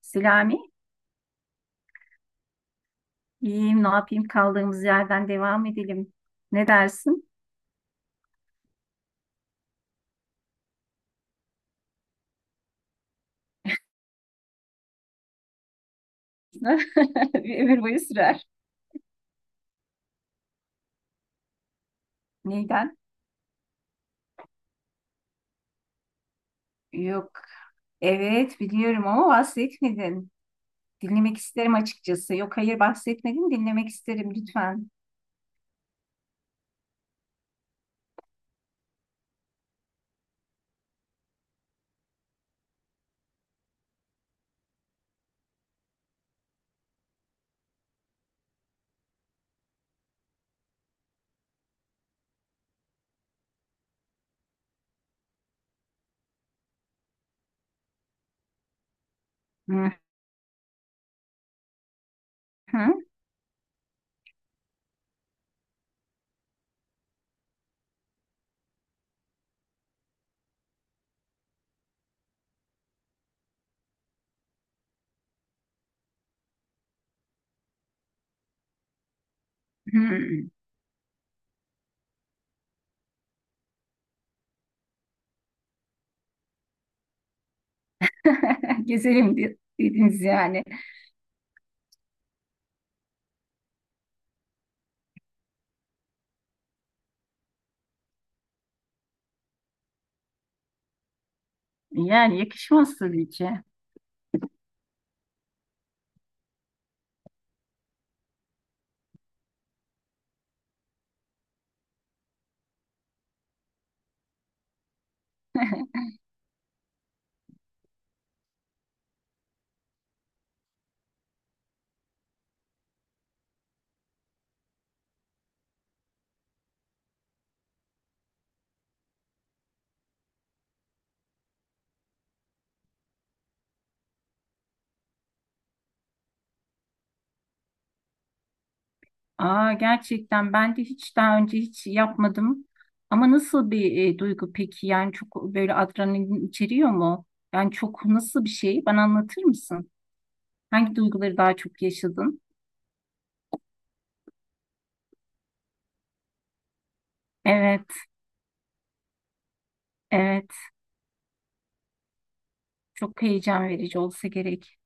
Selami, iyiyim, ne yapayım? Kaldığımız yerden devam edelim. Ne dersin? Bir ömür boyu sürer. Neyden? Yok. Evet, biliyorum ama bahsetmedin. Dinlemek isterim açıkçası. Yok, hayır bahsetmedin. Dinlemek isterim lütfen. Hı hı. hı. Gezelim dediniz yani. Yani yakışmaz tabii ki. Aa, gerçekten ben de hiç daha önce hiç yapmadım. Ama nasıl bir duygu peki? Yani çok böyle adrenalin içeriyor mu? Yani çok nasıl bir şey? Bana anlatır mısın? Hangi duyguları daha çok yaşadın? Evet, evet. Çok heyecan verici olsa gerek.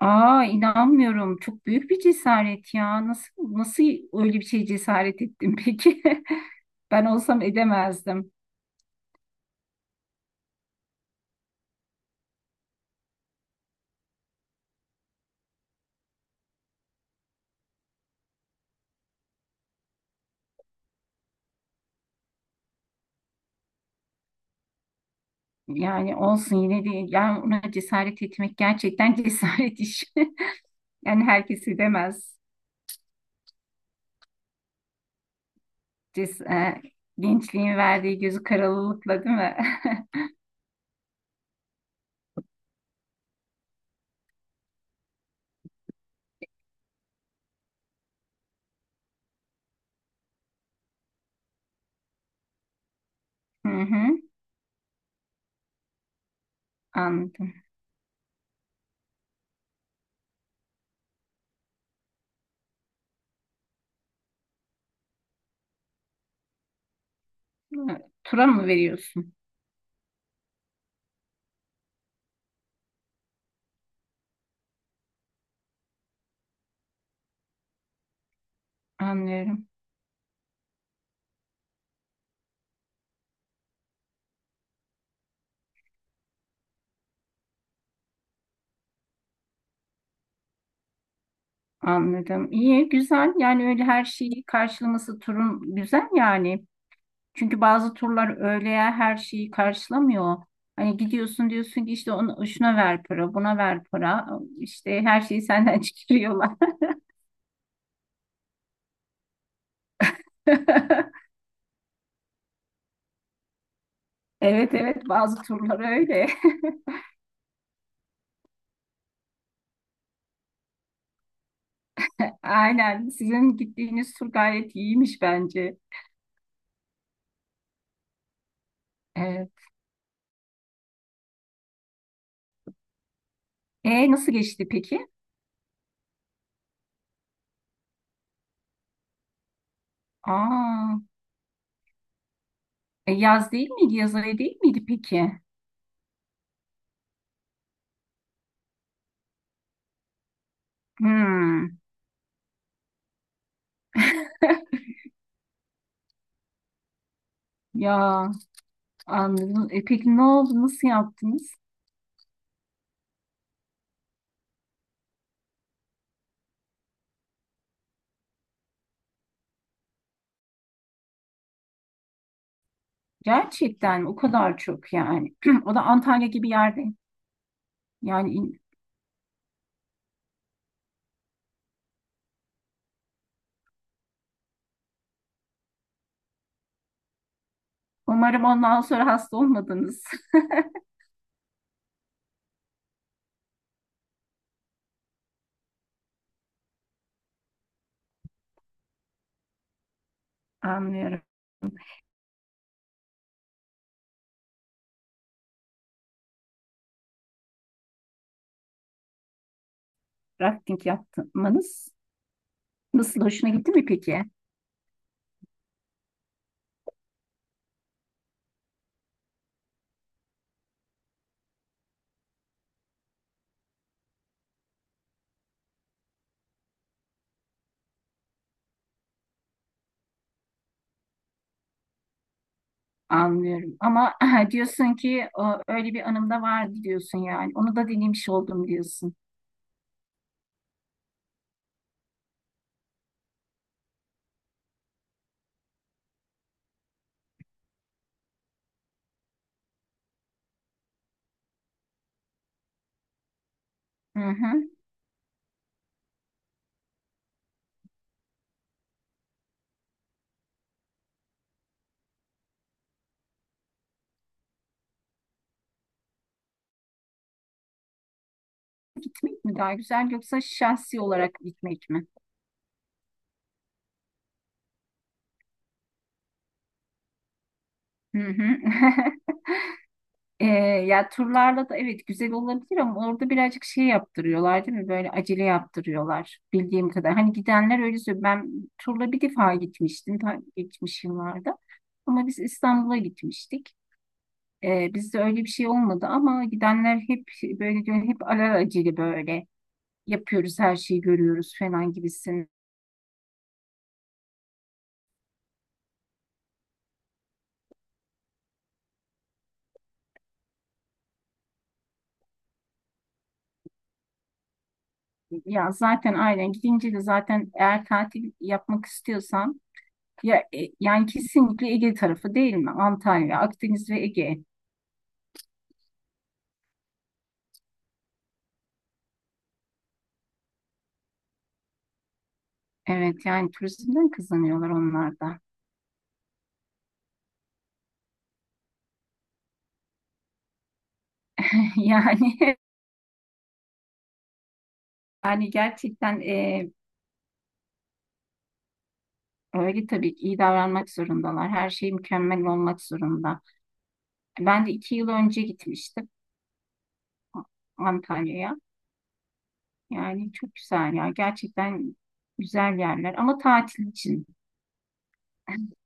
Aa, inanmıyorum. Çok büyük bir cesaret ya. Nasıl öyle bir şey cesaret ettin peki? Ben olsam edemezdim. Yani olsun yine de yani ona cesaret etmek gerçekten cesaret işi. Yani herkesi demez. Ces e, Gençliğin verdiği gözü karalılıkla değil mi? Hı hı, anladım. Tura mı veriyorsun? Anlıyorum. Anladım. İyi, güzel. Yani öyle her şeyi karşılaması turun güzel yani. Çünkü bazı turlar öyle ya, her şeyi karşılamıyor. Hani gidiyorsun diyorsun ki işte ona, şuna ver para, buna ver para. İşte her şeyi senden çıkarıyorlar. Evet evet bazı turlar öyle. Aynen. Sizin gittiğiniz tur gayet iyiymiş bence. Evet. E nasıl geçti peki? Aa, yaz değil miydi? Yaz ayı değil miydi peki? Hmm, ya anladım. E, peki ne oldu? Nasıl yaptınız? Gerçekten o kadar çok yani. O da Antalya gibi yerde. Yani in- Umarım ondan sonra hasta olmadınız. Anlıyorum. Rafting yapmanız nasıl, hoşuna gitti mi peki? Anlıyorum. Ama diyorsun ki o, öyle bir anım da vardı diyorsun yani. Onu da dinlemiş oldum diyorsun. Hı hı. Gitmek mi daha güzel yoksa şahsi olarak gitmek mi? Hı hı. Ee, ya turlarla da evet güzel olabilir ama orada birazcık şey yaptırıyorlar değil mi? Böyle acele yaptırıyorlar bildiğim kadar. Hani gidenler öyle söylüyor. Ben turla bir defa gitmiştim ta geçmiş yıllarda. Ama biz İstanbul'a gitmiştik. Bizde öyle bir şey olmadı ama gidenler hep böyle diyor, hep alelacele böyle yapıyoruz her şeyi görüyoruz falan gibisin. Ya zaten aynen gidince de zaten eğer tatil yapmak istiyorsan ya, yani kesinlikle Ege tarafı değil mi? Antalya, Akdeniz ve Ege. Evet yani turizmden kazanıyorlar onlar da. Yani yani gerçekten öyle tabii ki iyi davranmak zorundalar. Her şey mükemmel olmak zorunda. Ben de iki yıl önce gitmiştim Antalya'ya. Yani çok güzel ya. Gerçekten güzel yerler ama tatil için.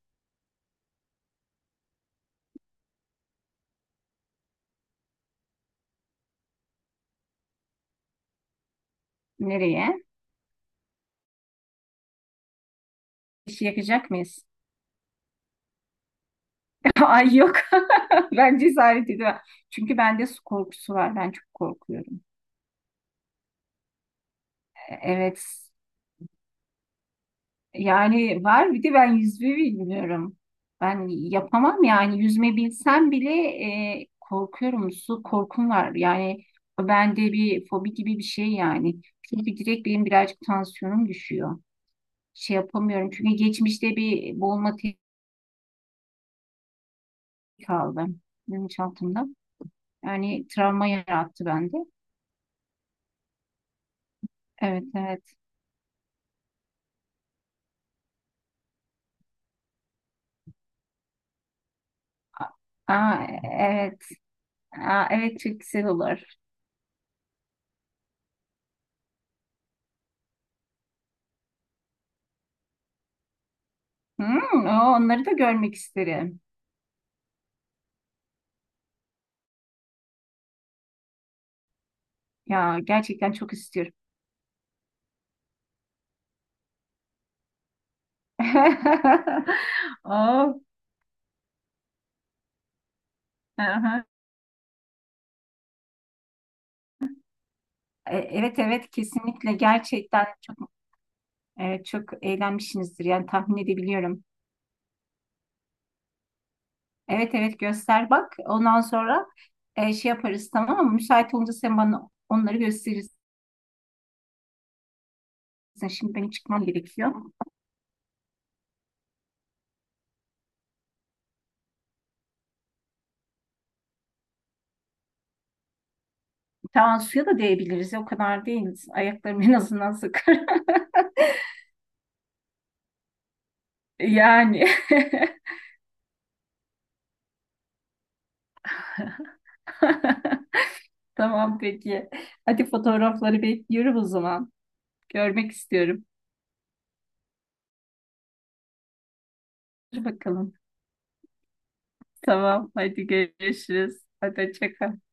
Nereye? İşi yakacak mıyız? Ay yok. Ben cesaret edemem. Çünkü bende su korkusu var. Ben çok korkuyorum. E, evet. Yani var, bir de ben yüzme bilmiyorum. Ben yapamam yani yüzme bilsem bile korkuyorum. Su korkum var. Yani bende bir fobi gibi bir şey yani. Çünkü direkt benim birazcık tansiyonum düşüyor. Şey yapamıyorum. Çünkü geçmişte bir boğulma tehdidi aldım bilinçaltımda. Yani travma yarattı bende. Evet evet. Aa, evet. Aa, evet çok güzel olur. Hmm, o, onları da görmek isterim. Ya gerçekten çok istiyorum. Oh, aha. Evet evet kesinlikle gerçekten çok evet, çok eğlenmişsinizdir yani tahmin edebiliyorum. Evet evet göster bak. Ondan sonra şey yaparız tamam mı? Müsait olunca sen bana onları gösterirsin. Şimdi benim çıkmam gerekiyor. Tamam suya da değebiliriz. O kadar değil. Ayaklarım en azından sıkır. Yani. Tamam peki. Hadi fotoğrafları bekliyorum o zaman. Görmek istiyorum. Hadi bakalım. Tamam hadi görüşürüz. Hadi hoşça kal.